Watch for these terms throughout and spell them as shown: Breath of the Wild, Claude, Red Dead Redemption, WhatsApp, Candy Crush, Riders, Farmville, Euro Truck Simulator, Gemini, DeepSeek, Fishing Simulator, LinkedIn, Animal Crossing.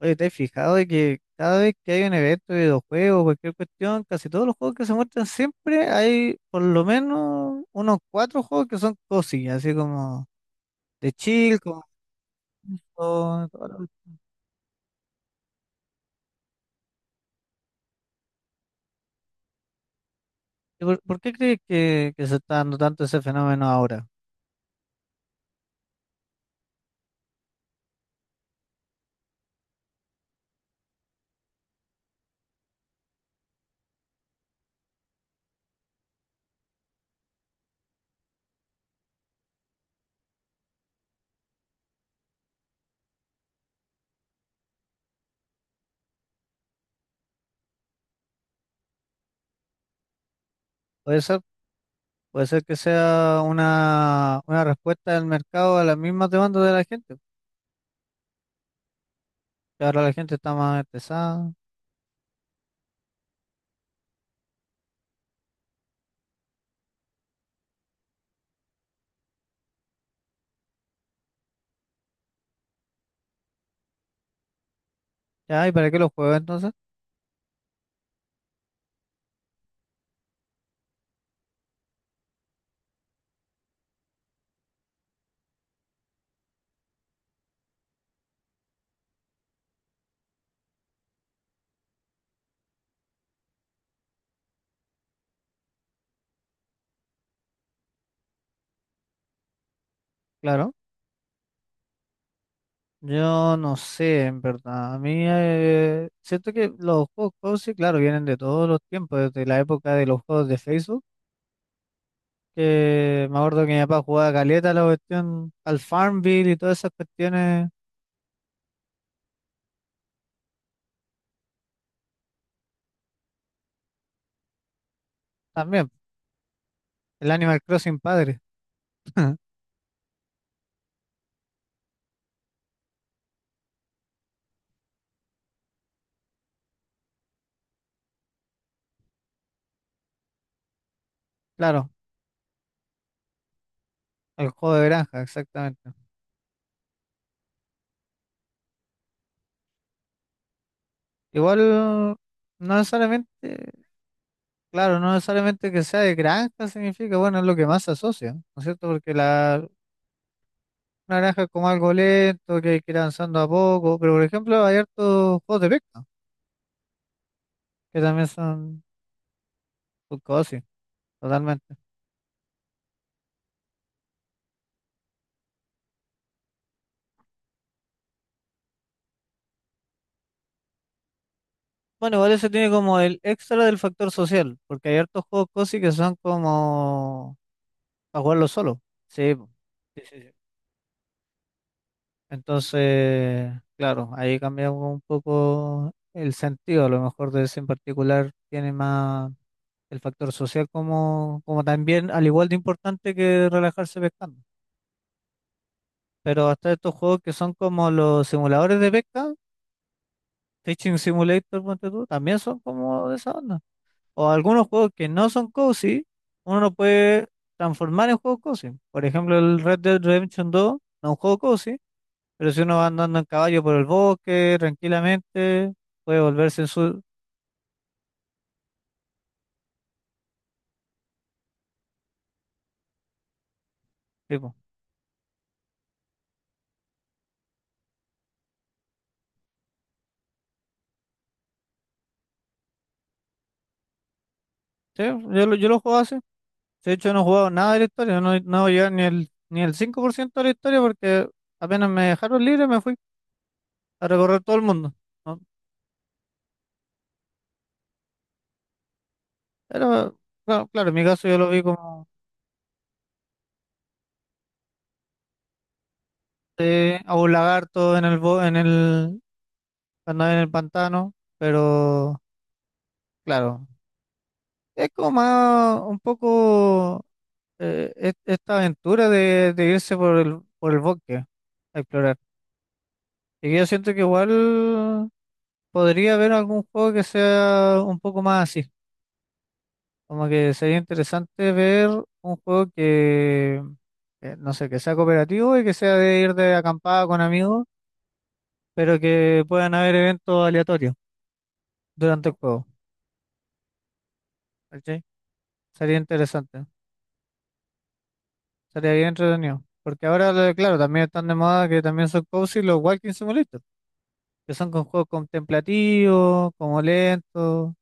Oye, ¿te has fijado de que cada vez que hay un evento de videojuegos, cualquier cuestión, casi todos los juegos que se muestran siempre hay por lo menos unos cuatro juegos que son cosillas, así como de chill. Como- ¿Por qué crees que se está dando tanto ese fenómeno ahora? Puede ser, puede ser que sea una respuesta del mercado a las mismas demandas de la gente. Que ahora la gente está más estresada. ¿Ya? ¿Y para qué los juegos entonces? Claro. Yo no sé, en verdad. A mí siento que los juegos cozy, claro, vienen de todos los tiempos, desde la época de los juegos de Facebook, que me acuerdo que mi papá jugaba caleta la cuestión al Farmville y todas esas cuestiones también. El Animal Crossing padre, claro, el juego de granja, exactamente. Igual, no necesariamente, claro, no necesariamente que sea de granja significa, bueno, es lo que más se asocia, ¿no es cierto? Porque la, naranja es como algo lento, que hay que ir avanzando a poco, pero por ejemplo hay hartos juegos de pesca, que también son full cozy, totalmente. Bueno, igual eso tiene como el extra del factor social, porque hay hartos juegos cozy que son como para jugarlo solo. Sí, po. Sí, sí, sí. Entonces, claro, ahí cambia un poco el sentido, a lo mejor de ese en particular tiene más el factor social como, también, al igual de importante que relajarse pescando. Pero hasta estos juegos que son como los simuladores de pesca, Fishing Simulator, ponte tú, también son como de esa onda. O algunos juegos que no son cozy, uno lo puede transformar en juego cozy. Por ejemplo, el Red Dead Redemption 2 no es un juego cozy, pero si uno va andando en caballo por el bosque tranquilamente, puede volverse en su tipo. Sí, yo lo juego así. De hecho, no he jugado nada de la historia, no voy a llegar ni el 5% de la historia porque apenas me dejaron libre me fui a recorrer todo el mundo. ¿No? Pero, bueno, claro, en mi caso yo lo vi como a un lagarto en el, cuando en el pantano, pero claro, es como más un poco esta aventura de irse por el bosque a explorar. Y que yo siento que igual podría haber algún juego que sea un poco más así, como que sería interesante ver un juego que, no sé, que sea cooperativo y que sea de ir de acampada con amigos pero que puedan haber eventos aleatorios durante el juego, ¿cachai? Sería interesante, sería bien entretenido. Porque ahora, claro, también están de moda que también son cozy los walking simulators, que son con juegos contemplativos, como lentos,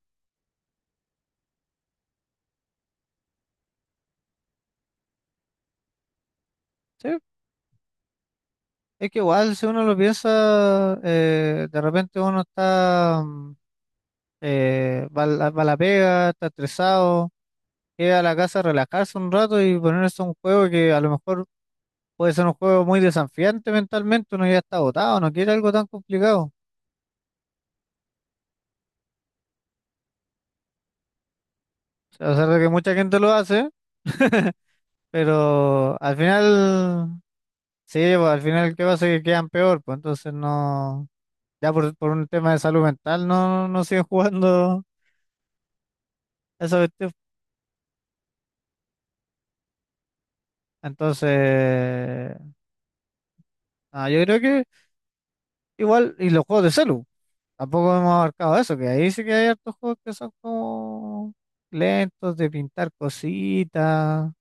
¿sí? Es que igual, si uno lo piensa, de repente uno está, va a la pega, está estresado, llega a la casa a relajarse un rato y ponerse un juego que a lo mejor. Puede ser un juego muy desafiante mentalmente, uno ya está agotado, no quiere algo tan complicado. O sea, a pesar de que mucha gente lo hace, pero al final, sí, pues, al final, ¿qué pasa? Que quedan peor, pues entonces no, ya por un tema de salud mental no siguen jugando esa cuestión. Entonces, ah, yo creo que igual, y los juegos de celu, tampoco hemos abarcado eso, que ahí sí que hay hartos juegos que son como lentos de pintar cositas.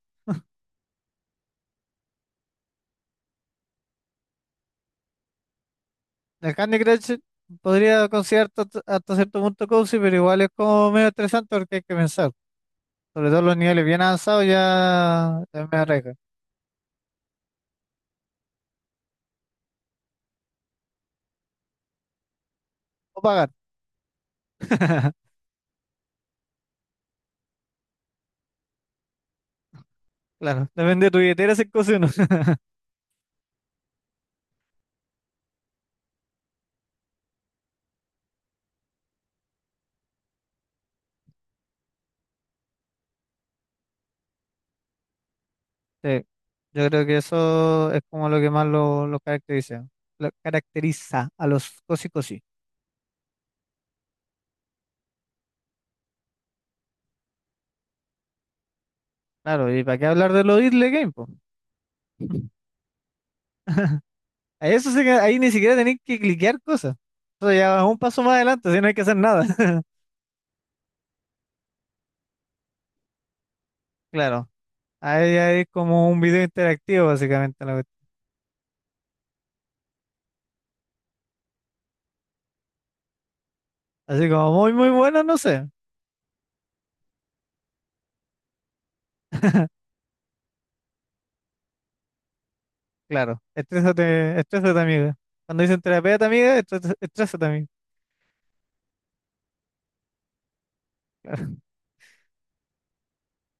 El Candy Crush podría considerar hasta cierto punto cozy, pero igual es como medio estresante porque hay que pensar. Sobre todo los niveles bien avanzados ya es medio arriesga. O pagar. Claro, depende de tu billetera si es cozy o no. Sí, yo creo que eso es como lo que más lo caracteriza. Lo caracteriza a los cozy cozy. Claro, ¿y para qué hablar de los idle game, po? A eso sí que- Ahí ni siquiera tenéis que cliquear cosas. Eso ya es un paso más adelante, si no hay que hacer nada. Claro. Ahí hay como un video interactivo, básicamente, la cuestión. Así como muy, muy bueno, no sé. Claro, estrésate, estrésate, amiga. Cuando dicen terapeuta, amiga, estrésate, amiga. Claro.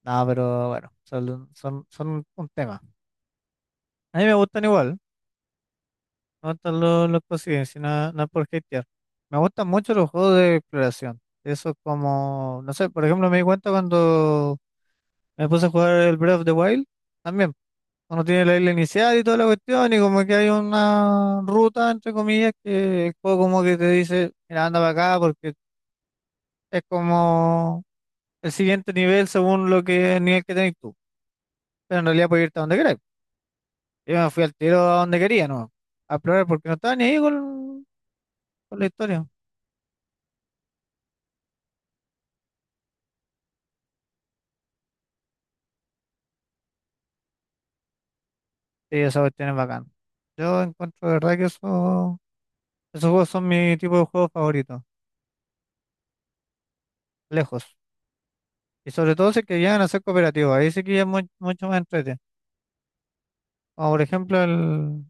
No, pero bueno, son un tema. A mí me gustan igual, me gustan los cosiden, si no, no es por hatear. Me gustan mucho los juegos de exploración. Eso es como, no sé, por ejemplo, me di cuenta cuando me puse a jugar el Breath of the Wild, también. Uno tiene la isla inicial y toda la cuestión, y como que hay una ruta, entre comillas, que el juego como que te dice, mira, anda para acá, porque es como el siguiente nivel según lo que el nivel que tenés tú. Pero en realidad puedes irte a donde queráis. Yo me fui al tiro a donde quería, ¿no? A explorar porque no estaba ni ahí con la historia. Sí, esa cuestión es bacán. Yo encuentro de verdad que eso, esos juegos son mi tipo de juegos favoritos, lejos. Y sobre todo si es que llegan a ser cooperativos, ahí sí que ya es mucho más entretenido. Como por ejemplo el...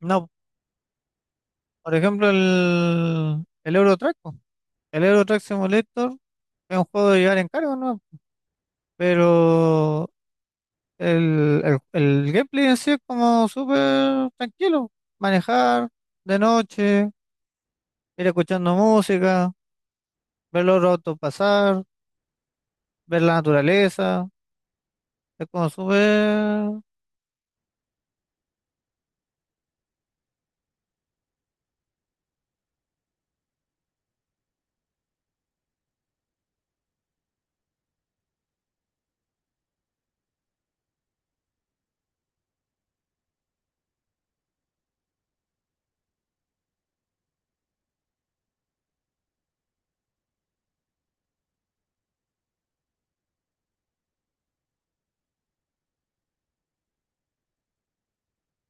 No, por ejemplo, el Euro Truck, po. El Euro Truck Simulator es un juego de llevar en cargo, ¿no? Pero el gameplay en sí es como súper tranquilo. Manejar de noche, ir escuchando música, ver los autos pasar, ver la naturaleza. Es como súper...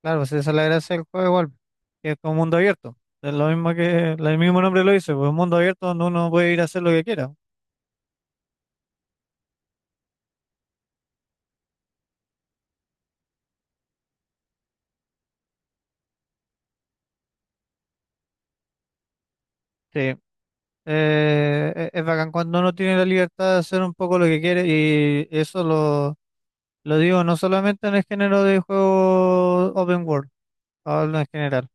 Claro, si esa es la gracia del juego igual, que es como mundo abierto. Es lo mismo que el mismo nombre lo dice, pues mundo abierto donde uno puede ir a hacer lo que quiera. Sí, es bacán cuando uno tiene la libertad de hacer un poco lo que quiere y eso lo digo no solamente en el género de juegos open world, hablo en general.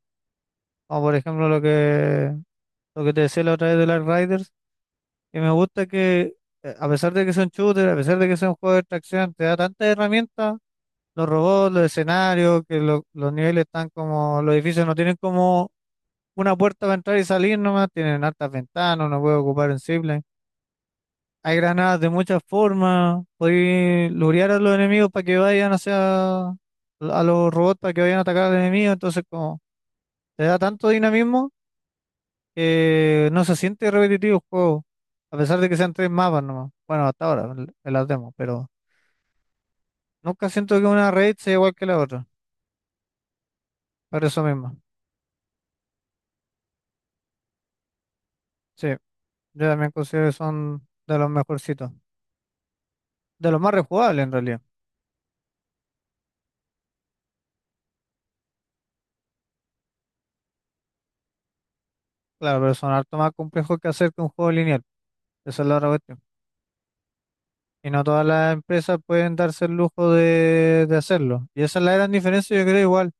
Como por ejemplo lo que te decía la otra vez de las Riders, que me gusta que a pesar de que son shooters, a pesar de que son juegos de extracción, te da tantas herramientas, los robots, los escenarios, que los niveles están como, los edificios no tienen como una puerta para entrar y salir nomás, tienen altas ventanas, uno puede ocupar en. Hay granadas de muchas formas. Podéis lurear a los enemigos para que vayan hacia a los robots para que vayan a atacar al enemigo. Entonces, como te da tanto dinamismo que no se siente repetitivo el juego. A pesar de que sean tres mapas nomás. Bueno, hasta ahora, en las demos, pero nunca siento que una raid sea igual que la otra. Por eso mismo. Sí, yo también considero que son de los mejorcitos. De los más rejugables en realidad. Claro, pero son harto más complejos que hacer que un juego lineal. Esa es la otra cuestión. Y no todas las empresas pueden darse el lujo de hacerlo. Y esa es la gran diferencia, yo creo igual.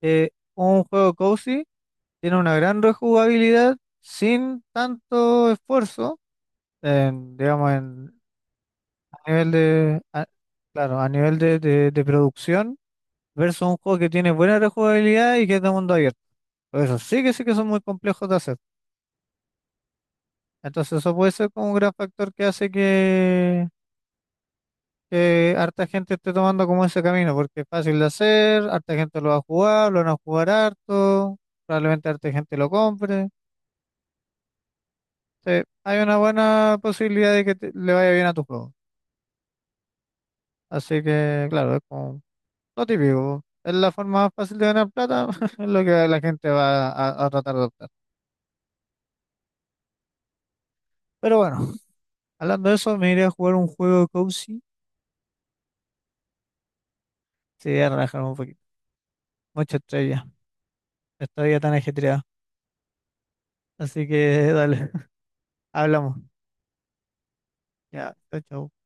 Que un juego cozy tiene una gran rejugabilidad sin tanto esfuerzo, en, digamos, en, a nivel de, claro, a nivel de producción, versus un juego que tiene buena rejugabilidad y que es de mundo abierto. Por eso sí que son muy complejos de hacer. Entonces eso puede ser como un gran factor que hace que harta gente esté tomando como ese camino, porque es fácil de hacer, harta gente lo va a jugar, lo van a jugar harto, probablemente harta gente lo compre. Sí, hay una buena posibilidad de que le vaya bien a tu juego. Así que, claro, es como lo típico. Es la forma más fácil de ganar plata, es lo que la gente va a tratar de adoptar. Pero bueno, hablando de eso, me iré a jugar un juego cozy. Sí, a relajarme un poquito. Mucha estrella. Esta vida tan ajetreada. Así que dale, hablamos. Ya, chao. Chao.